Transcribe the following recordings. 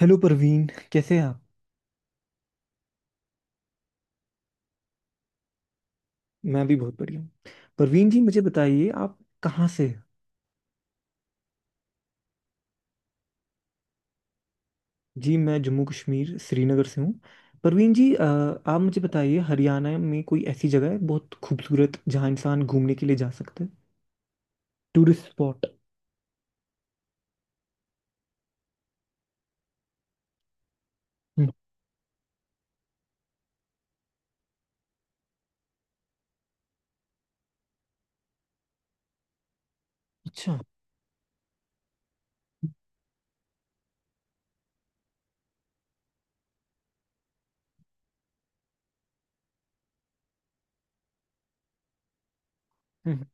Hello Parveen, कैसे हैं आप? मैं भी बहुत बढ़िया हूँ। परवीन जी मुझे बताइए आप कहाँ से हैं? जी मैं जम्मू कश्मीर श्रीनगर से हूँ। परवीन जी आप मुझे बताइए हरियाणा में कोई ऐसी जगह है बहुत खूबसूरत जहाँ इंसान घूमने के लिए जा सकता है? Tourist spot. हम्म। अच्छा। हम्म।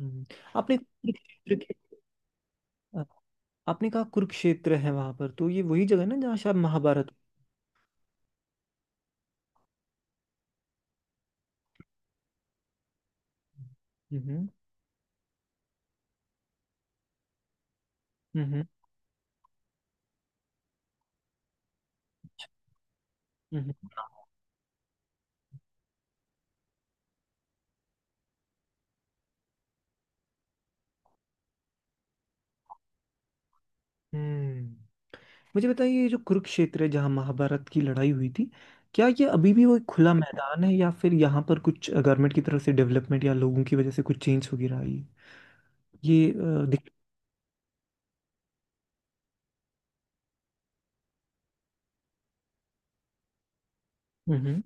हम्म। आपने कुरुक्षेत्र के अ, आपने कहा कुरुक्षेत्र है वहां पर, तो ये वही जगह है ना जहाँ शायद महाभारत। हम्म। हम्म। हम्म। हम्म। हम्म। मुझे बताइए ये जो कुरुक्षेत्र है जहाँ महाभारत की लड़ाई हुई थी, क्या ये अभी भी वो एक खुला मैदान है या फिर यहाँ पर कुछ गवर्नमेंट की तरफ से डेवलपमेंट या लोगों की वजह से कुछ चेंज हो रहा है? ये ये दिख। हम्म।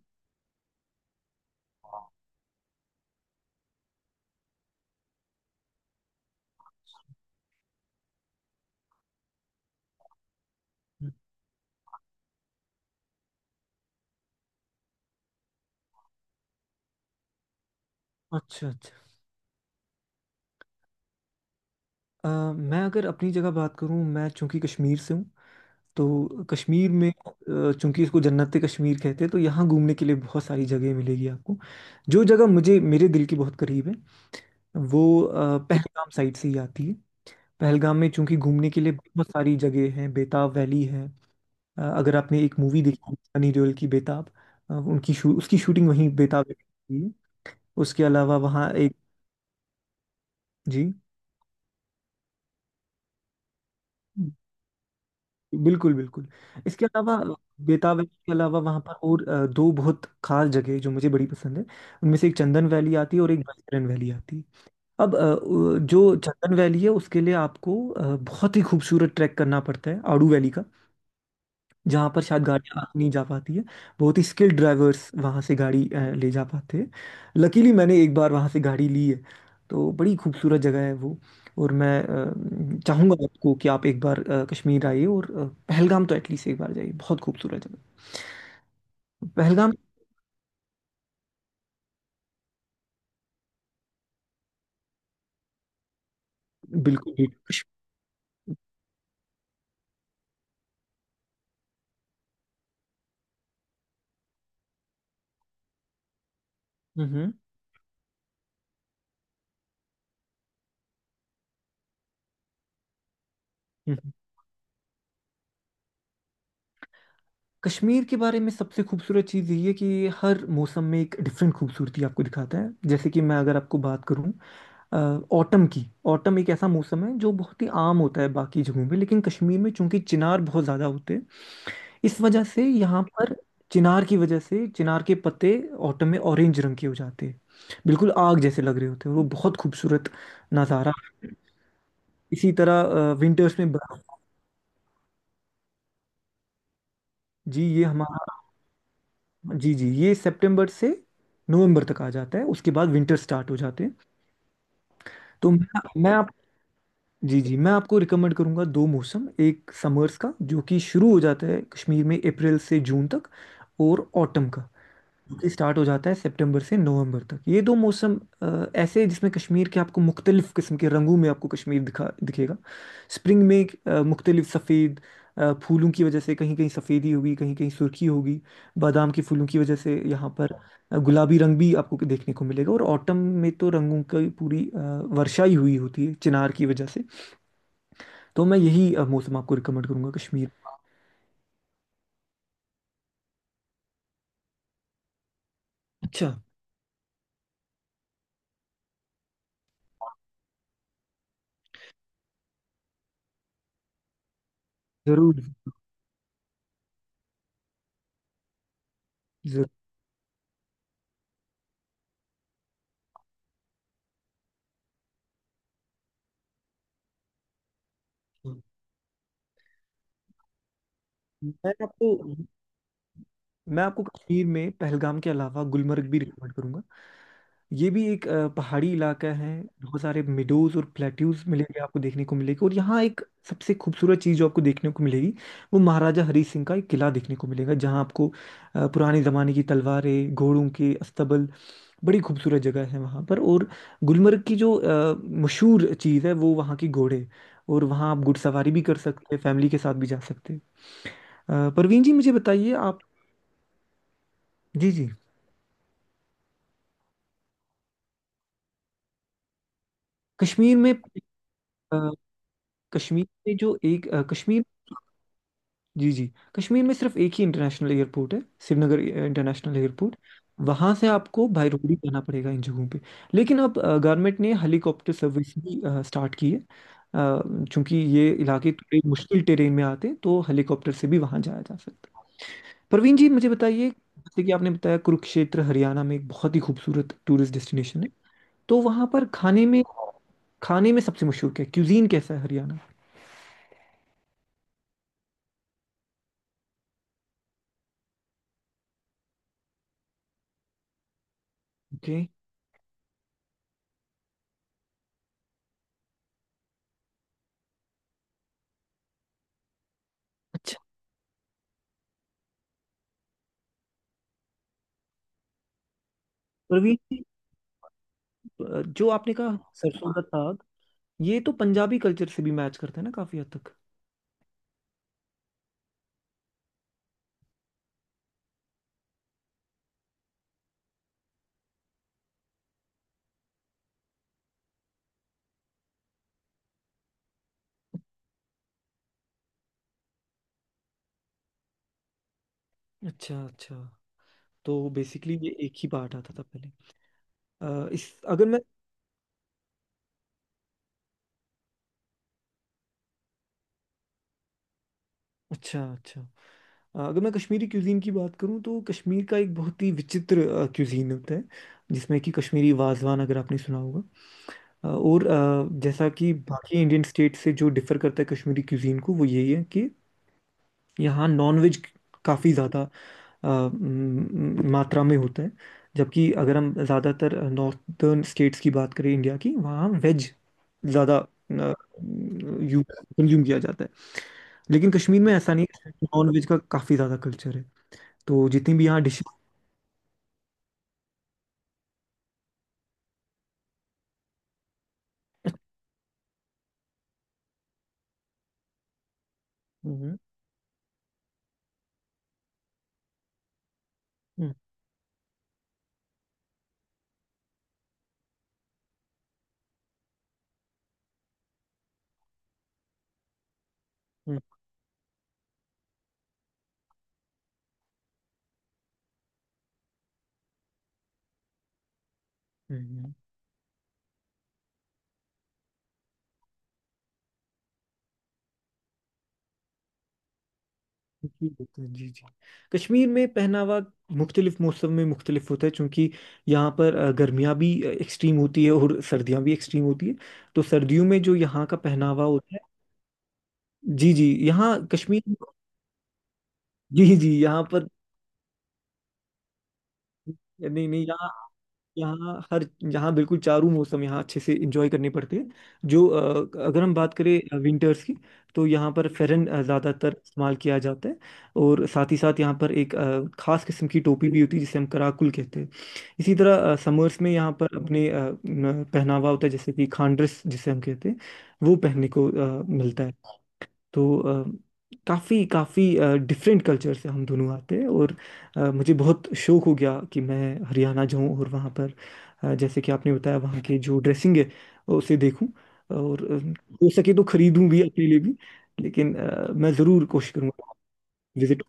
हम्म। अच्छा अच्छा। मैं अगर अपनी जगह बात करूँ, मैं चूंकि कश्मीर से हूँ, तो कश्मीर में चूंकि इसको जन्नत कश्मीर कहते हैं, तो यहाँ घूमने के लिए बहुत सारी जगह मिलेगी आपको। जो जगह मुझे मेरे दिल के बहुत करीब है वो पहलगाम साइड से ही आती है। पहलगाम में चूंकि घूमने के लिए बहुत सारी जगह हैं, बेताब वैली है। अगर आपने एक मूवी देखी है, सनी देओल की बेताब, उसकी शूटिंग वहीं बेताब में हुई है। उसके अलावा वहाँ एक जी बिल्कुल बिल्कुल। इसके अलावा बेताब वैली के अलावा वहाँ पर और दो बहुत खास जगह जो मुझे बड़ी पसंद है। उनमें से एक चंदन वैली आती है और एक बैतरन वैली आती है। अब जो चंदन वैली है उसके लिए आपको बहुत ही खूबसूरत ट्रैक करना पड़ता है आड़ू वैली का, जहाँ पर शायद गाड़ियाँ नहीं जा पाती है। बहुत ही स्किल्ड ड्राइवर्स वहाँ से गाड़ी ले जा पाते हैं। लकीली मैंने एक बार वहाँ से गाड़ी ली है, तो बड़ी खूबसूरत जगह है वो। और मैं चाहूँगा आपको कि आप एक बार कश्मीर आइए, और पहलगाम तो एटलीस्ट एक बार जाइए, बहुत खूबसूरत जगह पहलगाम। बिल्कुल भी कश-। हम्म। हम्म। हम्म। कश्मीर के बारे में सबसे खूबसूरत चीज़ यही है कि हर मौसम में एक डिफरेंट खूबसूरती आपको दिखाता है। जैसे कि मैं अगर आपको बात करूँ ऑटम की, ऑटम एक ऐसा मौसम है जो बहुत ही आम होता है बाकी जगहों में, लेकिन कश्मीर में चूंकि चिनार बहुत ज़्यादा होते हैं, इस वजह से यहाँ पर चिनार की वजह से चिनार के पत्ते ऑटम में ऑरेंज रंग के हो जाते हैं, बिल्कुल आग जैसे लग रहे होते हैं वो। बहुत खूबसूरत नज़ारा। इसी तरह विंटर्स में बर्फ। जी ये हमारा, जी जी, ये सितंबर से नवंबर तक आ जाता है, उसके बाद विंटर स्टार्ट हो जाते हैं। तो मैं जी जी मैं आपको रिकमेंड करूंगा दो मौसम, एक समर्स का जो कि शुरू हो जाता है कश्मीर में अप्रैल से जून तक, और ऑटम का जो कि स्टार्ट हो जाता है सितंबर से नवंबर तक। ये दो मौसम ऐसे हैं जिसमें कश्मीर के आपको मुख्तलिफ किस्म के रंगों में आपको कश्मीर दिखा दिखेगा। स्प्रिंग में मुख्तलिफ सफ़ेद फूलों की वजह से कहीं कहीं सफ़ेदी होगी, कहीं कहीं सुर्खी होगी। बादाम के फूलों की वजह से यहाँ पर गुलाबी रंग भी आपको देखने को मिलेगा। और ऑटम में तो रंगों की पूरी वर्षा ही हुई होती है चिनार की वजह से। तो मैं यही मौसम आपको रिकमेंड करूंगा कश्मीर। अच्छा। जरूर। जरूर। हाँ, मैं आपको मैं आपको कश्मीर में पहलगाम के अलावा गुलमर्ग भी रिकमेंड करूंगा। ये भी एक पहाड़ी इलाका है। बहुत सारे मिडोज और प्लेट्यूज मिलेंगे, आपको देखने को मिलेगी। और यहाँ एक सबसे खूबसूरत चीज़ जो आपको देखने को मिलेगी, वो महाराजा हरी सिंह का एक किला देखने को मिलेगा जहाँ आपको पुराने ज़माने की तलवारें, घोड़ों के अस्तबल, बड़ी खूबसूरत जगह है वहाँ पर। और गुलमर्ग की जो मशहूर चीज़ है वो वहाँ की घोड़े, और वहाँ आप घुड़सवारी भी कर सकते हैं, फैमिली के साथ भी जा सकते हैं। परवीन जी मुझे बताइए आप। जी जी कश्मीर में अ, कश्मीर में जो एक अ, कश्मीर जी जी, कश्मीर में सिर्फ एक ही इंटरनेशनल एयरपोर्ट है, श्रीनगर इंटरनेशनल एयरपोर्ट। वहां से आपको बाय रोड ही जाना पड़ेगा इन जगहों पे। लेकिन अब गवर्नमेंट ने हेलीकॉप्टर सर्विस भी स्टार्ट की है। चूंकि ये इलाके थोड़े मुश्किल टेरेन में आते हैं, तो हेलीकॉप्टर से भी वहां जाया जा सकता है। प्रवीण जी मुझे बताइए, जैसे कि आपने बताया कुरुक्षेत्र हरियाणा में एक बहुत ही खूबसूरत टूरिस्ट डेस्टिनेशन है, तो वहां पर खाने में सबसे मशहूर क्या है, क्यूजीन कैसा है हरियाणा? ओके। अच्छा। प्रवीण जी, जो आपने कहा सरसों का साग, ये तो पंजाबी कल्चर से भी मैच करता है ना काफी हद तक? अच्छा अच्छा, तो बेसिकली ये एक ही पार्ट आता था पहले। अ, इस अगर मैं अच्छा अच्छा। अगर मैं कश्मीरी क्यूजीन की बात करूं, तो कश्मीर का एक बहुत ही विचित्र क्यूजीन होता है, जिसमें कि कश्मीरी वाजवान अगर आपने सुना होगा। जैसा कि बाकी इंडियन स्टेट से जो डिफर करता है कश्मीरी क्यूजीन को, वो यही है कि यहाँ नॉनवेज काफ़ी ज़्यादा मात्रा में होता है, जबकि अगर हम ज़्यादातर नॉर्थर्न स्टेट्स की बात करें इंडिया की, वहाँ वेज ज़्यादा कंज्यूम किया जाता है। लेकिन कश्मीर में ऐसा नहीं है, नॉन वेज का काफ़ी ज़्यादा कल्चर है। तो जितनी भी यहाँ डिशेज। हम्म। हम्म। हम्म। हम्म। जी बिल्कुल, जी जी। कश्मीर में पहनावा मुख्तलिफ मौसम में मुख्तलिफ होता है, क्योंकि यहाँ पर गर्मियाँ भी एक्सट्रीम होती है और सर्दियाँ भी एक्सट्रीम होती है। तो सर्दियों में जो यहाँ का पहनावा होता है। जी जी यहाँ कश्मीर जी जी यहाँ पर। नहीं नहीं यहाँ, यहाँ हर, यहाँ बिल्कुल चारों मौसम यहाँ अच्छे से इंजॉय करने पड़ते हैं। जो अगर हम बात करें विंटर्स की, तो यहाँ पर फेरन ज़्यादातर इस्तेमाल किया जाता है, और साथ ही साथ यहाँ पर एक खास किस्म की टोपी भी होती है जिसे हम कराकुल कहते हैं। इसी तरह समर्स में यहाँ पर अपने पहनावा होता है, जैसे कि खांड्रेस जिसे हम कहते हैं वो पहनने को मिलता है। तो अ, काफ़ी काफ़ी डिफरेंट कल्चर से हम दोनों आते हैं, और मुझे बहुत शौक हो गया कि मैं हरियाणा जाऊं और वहाँ पर जैसे कि आपने बताया वहाँ की जो ड्रेसिंग है उसे देखूं, और हो सके तो खरीदूं भी अपने लिए भी। लेकिन मैं ज़रूर कोशिश करूंगा विजिट।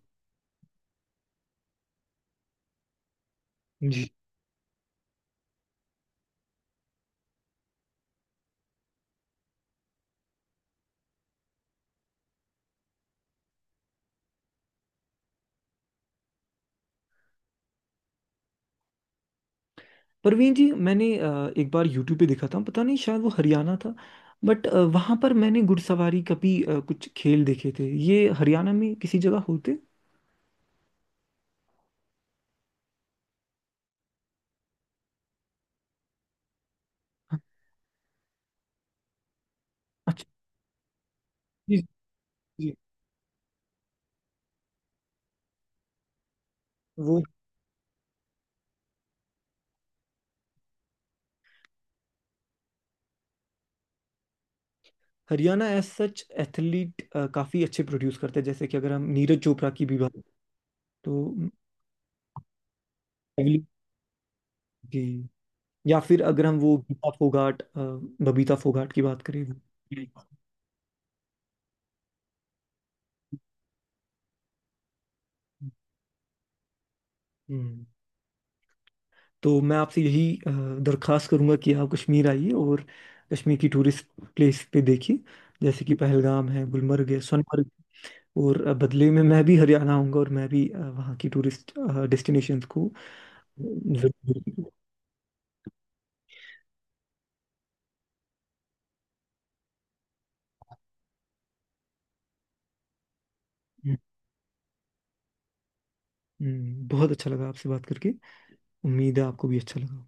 जी। परवीन जी मैंने एक बार यूट्यूब पे देखा था, पता नहीं शायद वो हरियाणा था, बट वहाँ पर मैंने घुड़सवारी का भी कुछ खेल देखे थे, ये हरियाणा में किसी जगह होते? अच्छा। जी। जी। वो हरियाणा एज सच एथलीट काफी अच्छे प्रोड्यूस करते हैं, जैसे कि अगर हम नीरज चोपड़ा की भी बात, तो heavily-। जी। या फिर अगर हम वो गीता फोगाट बबीता फोगाट की बात करें। हम्म। तो मैं आपसे यही दरखास्त करूंगा कि आप कश्मीर आइए और कश्मीर की टूरिस्ट प्लेस पे देखिए, जैसे कि पहलगाम है, गुलमर्ग है, सोनमर्ग। और बदले में मैं भी हरियाणा आऊंगा, और मैं भी वहाँ की टूरिस्ट डेस्टिनेशंस को जरूर- देखूंगा। हम्म। बहुत अच्छा लगा आपसे बात करके, उम्मीद है आपको भी अच्छा लगा।